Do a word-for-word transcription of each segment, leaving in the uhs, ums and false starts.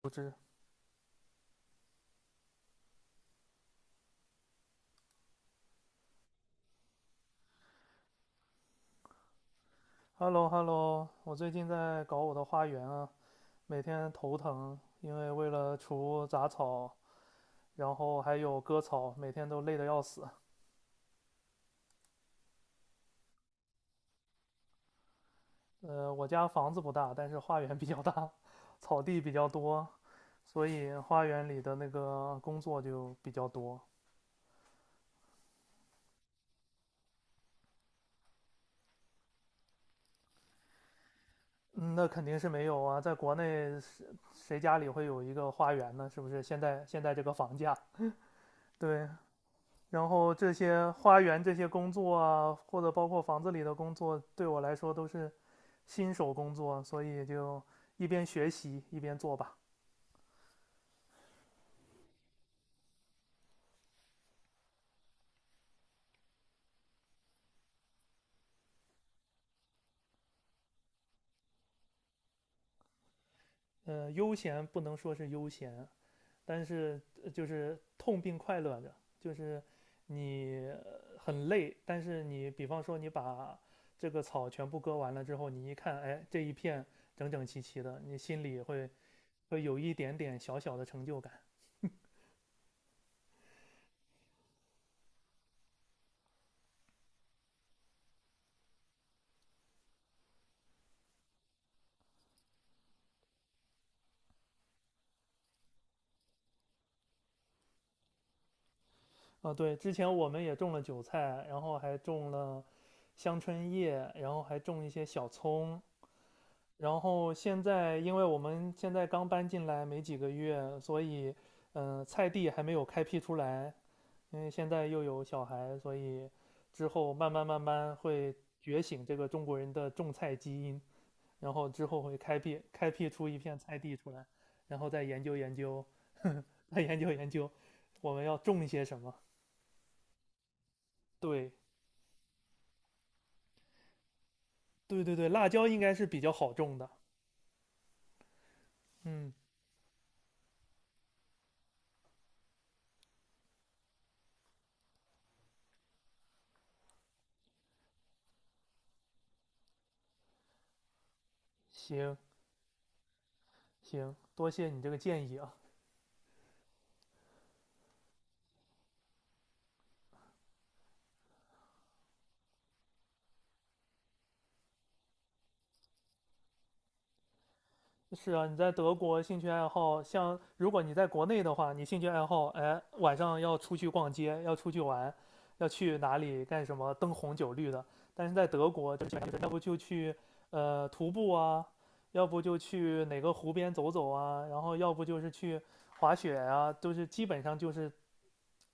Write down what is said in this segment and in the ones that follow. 不知 h e l l o h e l l o 我最近在搞我的花园啊，每天头疼，因为为了除杂草，然后还有割草，每天都累得要死。呃，我家房子不大，但是花园比较大，草地比较多，所以花园里的那个工作就比较多。嗯，那肯定是没有啊，在国内谁谁家里会有一个花园呢？是不是？现在现在这个房价，对，然后这些花园这些工作啊，或者包括房子里的工作，对我来说都是新手工作，所以就一边学习一边做吧。呃，悠闲不能说是悠闲，但是呃就是痛并快乐着，就是你呃很累，但是你比方说你把这个草全部割完了之后，你一看，哎，这一片整整齐齐的，你心里会会有一点点小小的成就感。啊，对，之前我们也种了韭菜，然后还种了香椿叶，然后还种一些小葱。然后现在，因为我们现在刚搬进来没几个月，所以，嗯、菜地还没有开辟出来。因为现在又有小孩，所以之后慢慢慢慢会觉醒这个中国人的种菜基因，然后之后会开辟开辟出一片菜地出来，然后再研究研究，再研究研究，我们要种一些什么？对，对对对，辣椒应该是比较好种的。嗯，行行，多谢你这个建议啊。是啊，你在德国兴趣爱好，像如果你在国内的话，你兴趣爱好，哎，晚上要出去逛街，要出去玩，要去哪里干什么，灯红酒绿的。但是在德国，就是要不就去呃徒步啊，要不就去哪个湖边走走啊，然后要不就是去滑雪啊，都是基本上就是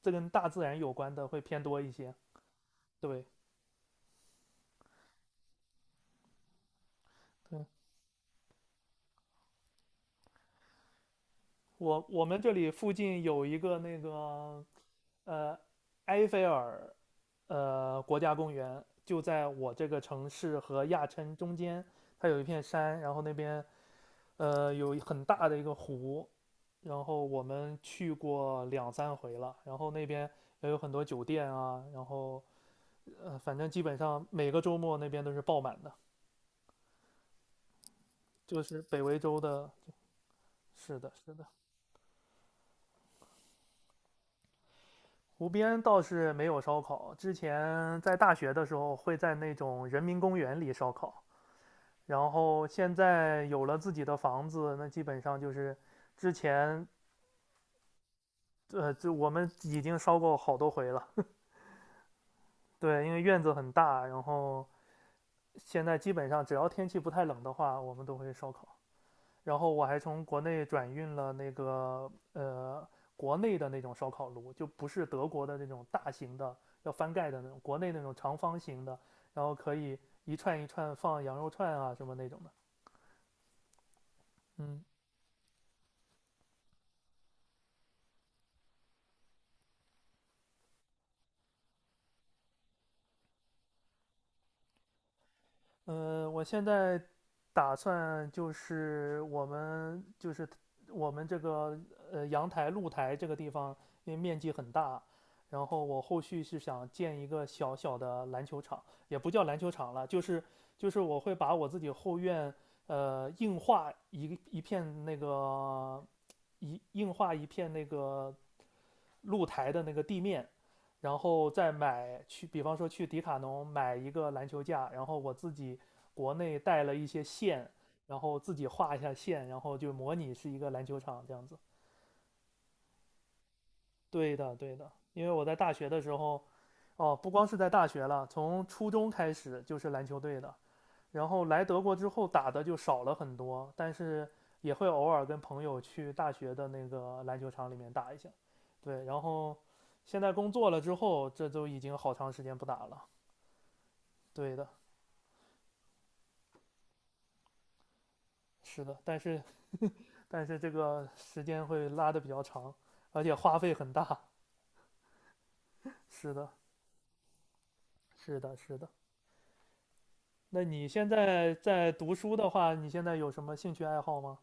这跟大自然有关的会偏多一些。对，对，我我们这里附近有一个那个呃埃菲尔呃国家公园，就在我这个城市和亚琛中间，它有一片山，然后那边呃有很大的一个湖，然后我们去过两三回了，然后那边也有很多酒店啊，然后呃反正基本上每个周末那边都是爆满的，就是北维州的，是的，是的。湖边倒是没有烧烤，之前在大学的时候会在那种人民公园里烧烤，然后现在有了自己的房子，那基本上就是之前呃，就我们已经烧过好多回了。对，因为院子很大，然后现在基本上只要天气不太冷的话，我们都会烧烤。然后我还从国内转运了那个呃国内的那种烧烤炉，就不是德国的那种大型的要翻盖的那种，国内那种长方形的，然后可以一串一串放羊肉串啊什么那种的。嗯，呃，我现在打算就是我们就是我们这个呃阳台露台这个地方，因为面积很大，然后我后续是想建一个小小的篮球场，也不叫篮球场了，就是就是我会把我自己后院呃硬化一一片那个一硬化一片那个露台的那个地面，然后再买去，比方说去迪卡侬买一个篮球架，然后我自己国内带了一些线，然后自己画一下线，然后就模拟是一个篮球场这样子。对的，对的，因为我在大学的时候，哦，不光是在大学了，从初中开始就是篮球队的，然后来德国之后打的就少了很多，但是也会偶尔跟朋友去大学的那个篮球场里面打一下。对，然后现在工作了之后，这都已经好长时间不打了。对的，是的，但是但是这个时间会拉的比较长，而且花费很大。是的，是的，是的。那你现在在读书的话，你现在有什么兴趣爱好吗？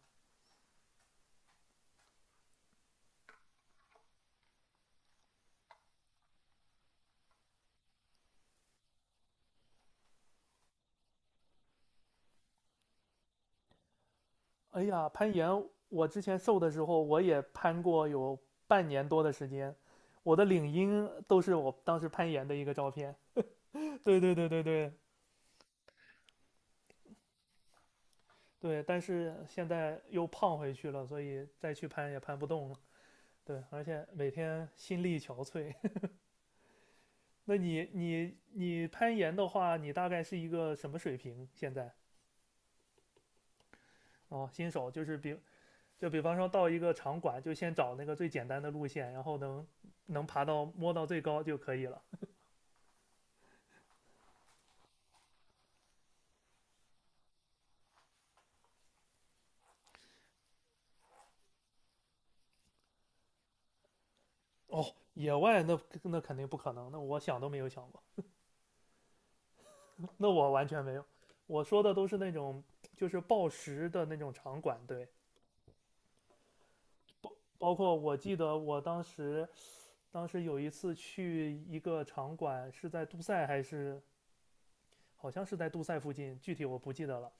哎呀，攀岩，我之前瘦的时候我也攀过有半年多的时间，我的领英都是我当时攀岩的一个照片。对对对对对对，但是现在又胖回去了，所以再去攀也攀不动了。对，而且每天心力憔悴。那你你你攀岩的话，你大概是一个什么水平？现在哦，新手就是比就比方说到一个场馆，就先找那个最简单的路线，然后能能爬到摸到最高就可以了。哦，野外那那肯定不可能，那我想都没有想过，那我完全没有。我说的都是那种就是报时的那种场馆，对，包括我记得我当时当时有一次去一个场馆，是在杜塞还是好像是在杜塞附近，具体我不记得了。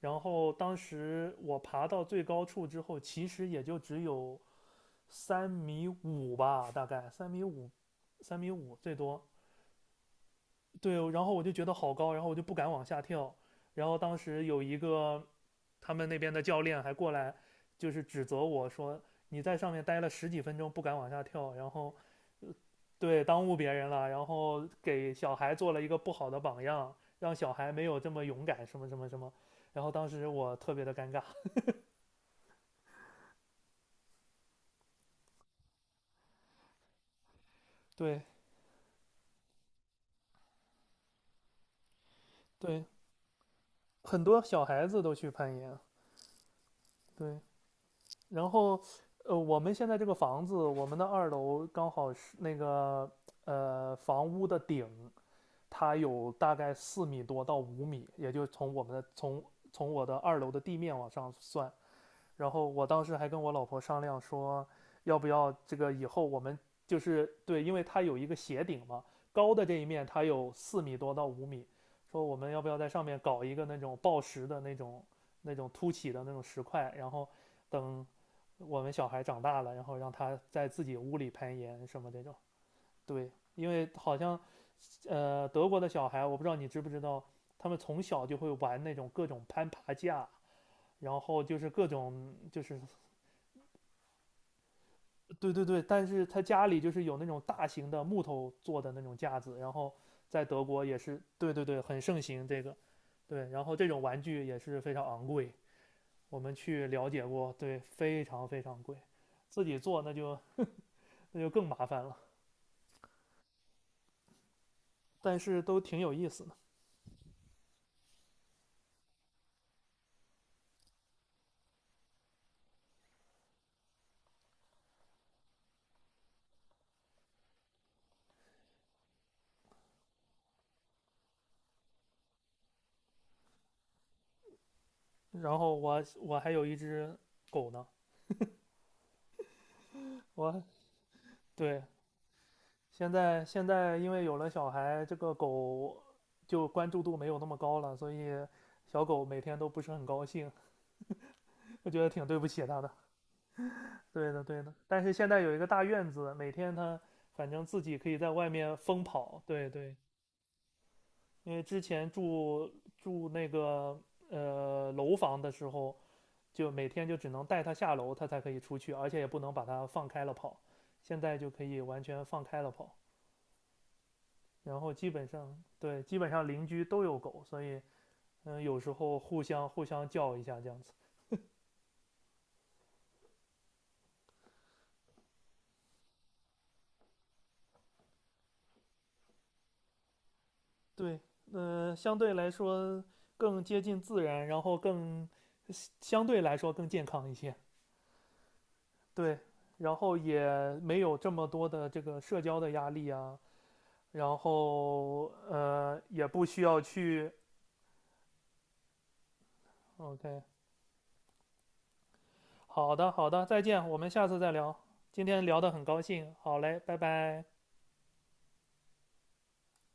然后当时我爬到最高处之后，其实也就只有三米五吧，大概三米五，三米五最多。对，然后我就觉得好高，然后我就不敢往下跳。然后当时有一个他们那边的教练还过来，就是指责我说你在上面待了十几分钟不敢往下跳，然后对耽误别人了，然后给小孩做了一个不好的榜样，让小孩没有这么勇敢，什么什么什么。然后当时我特别的尴尬，对对，很多小孩子都去攀岩，对然后，呃，我们现在这个房子，我们的二楼刚好是那个呃房屋的顶，它有大概四米多到五米，也就从我们的从从我的二楼的地面往上算，然后我当时还跟我老婆商量说，要不要这个以后我们就是对，因为它有一个斜顶嘛，高的这一面它有四米多到五米，说我们要不要在上面搞一个那种抱石的那种那种凸起的那种石块，然后等我们小孩长大了，然后让他在自己屋里攀岩什么这种。对，因为好像呃德国的小孩，我不知道你知不知道，他们从小就会玩那种各种攀爬架。然后就是各种就是对对对，但是他家里就是有那种大型的木头做的那种架子，然后在德国也是，对对对，很盛行这个，对，然后这种玩具也是非常昂贵，我们去了解过，对，非常非常贵，自己做那就那就更麻烦了，但是都挺有意思的。然后我我还有一只狗呢，我对，现在现在因为有了小孩，这个狗就关注度没有那么高了，所以小狗每天都不是很高兴。我觉得挺对不起他的。对的，对的。但是现在有一个大院子，每天他反正自己可以在外面疯跑。对对，因为之前住住那个呃楼房的时候，就每天就只能带他下楼，他才可以出去，而且也不能把他放开了跑。现在就可以完全放开了跑，然后基本上对，基本上邻居都有狗，所以嗯、呃有时候互相互相叫一下这样子。对，嗯、呃相对来说更接近自然，然后更相对来说更健康一些。对，然后也没有这么多的这个社交的压力啊，然后呃也不需要去 OK。好的，好的，再见，我们下次再聊。今天聊得很高兴，好嘞，拜拜。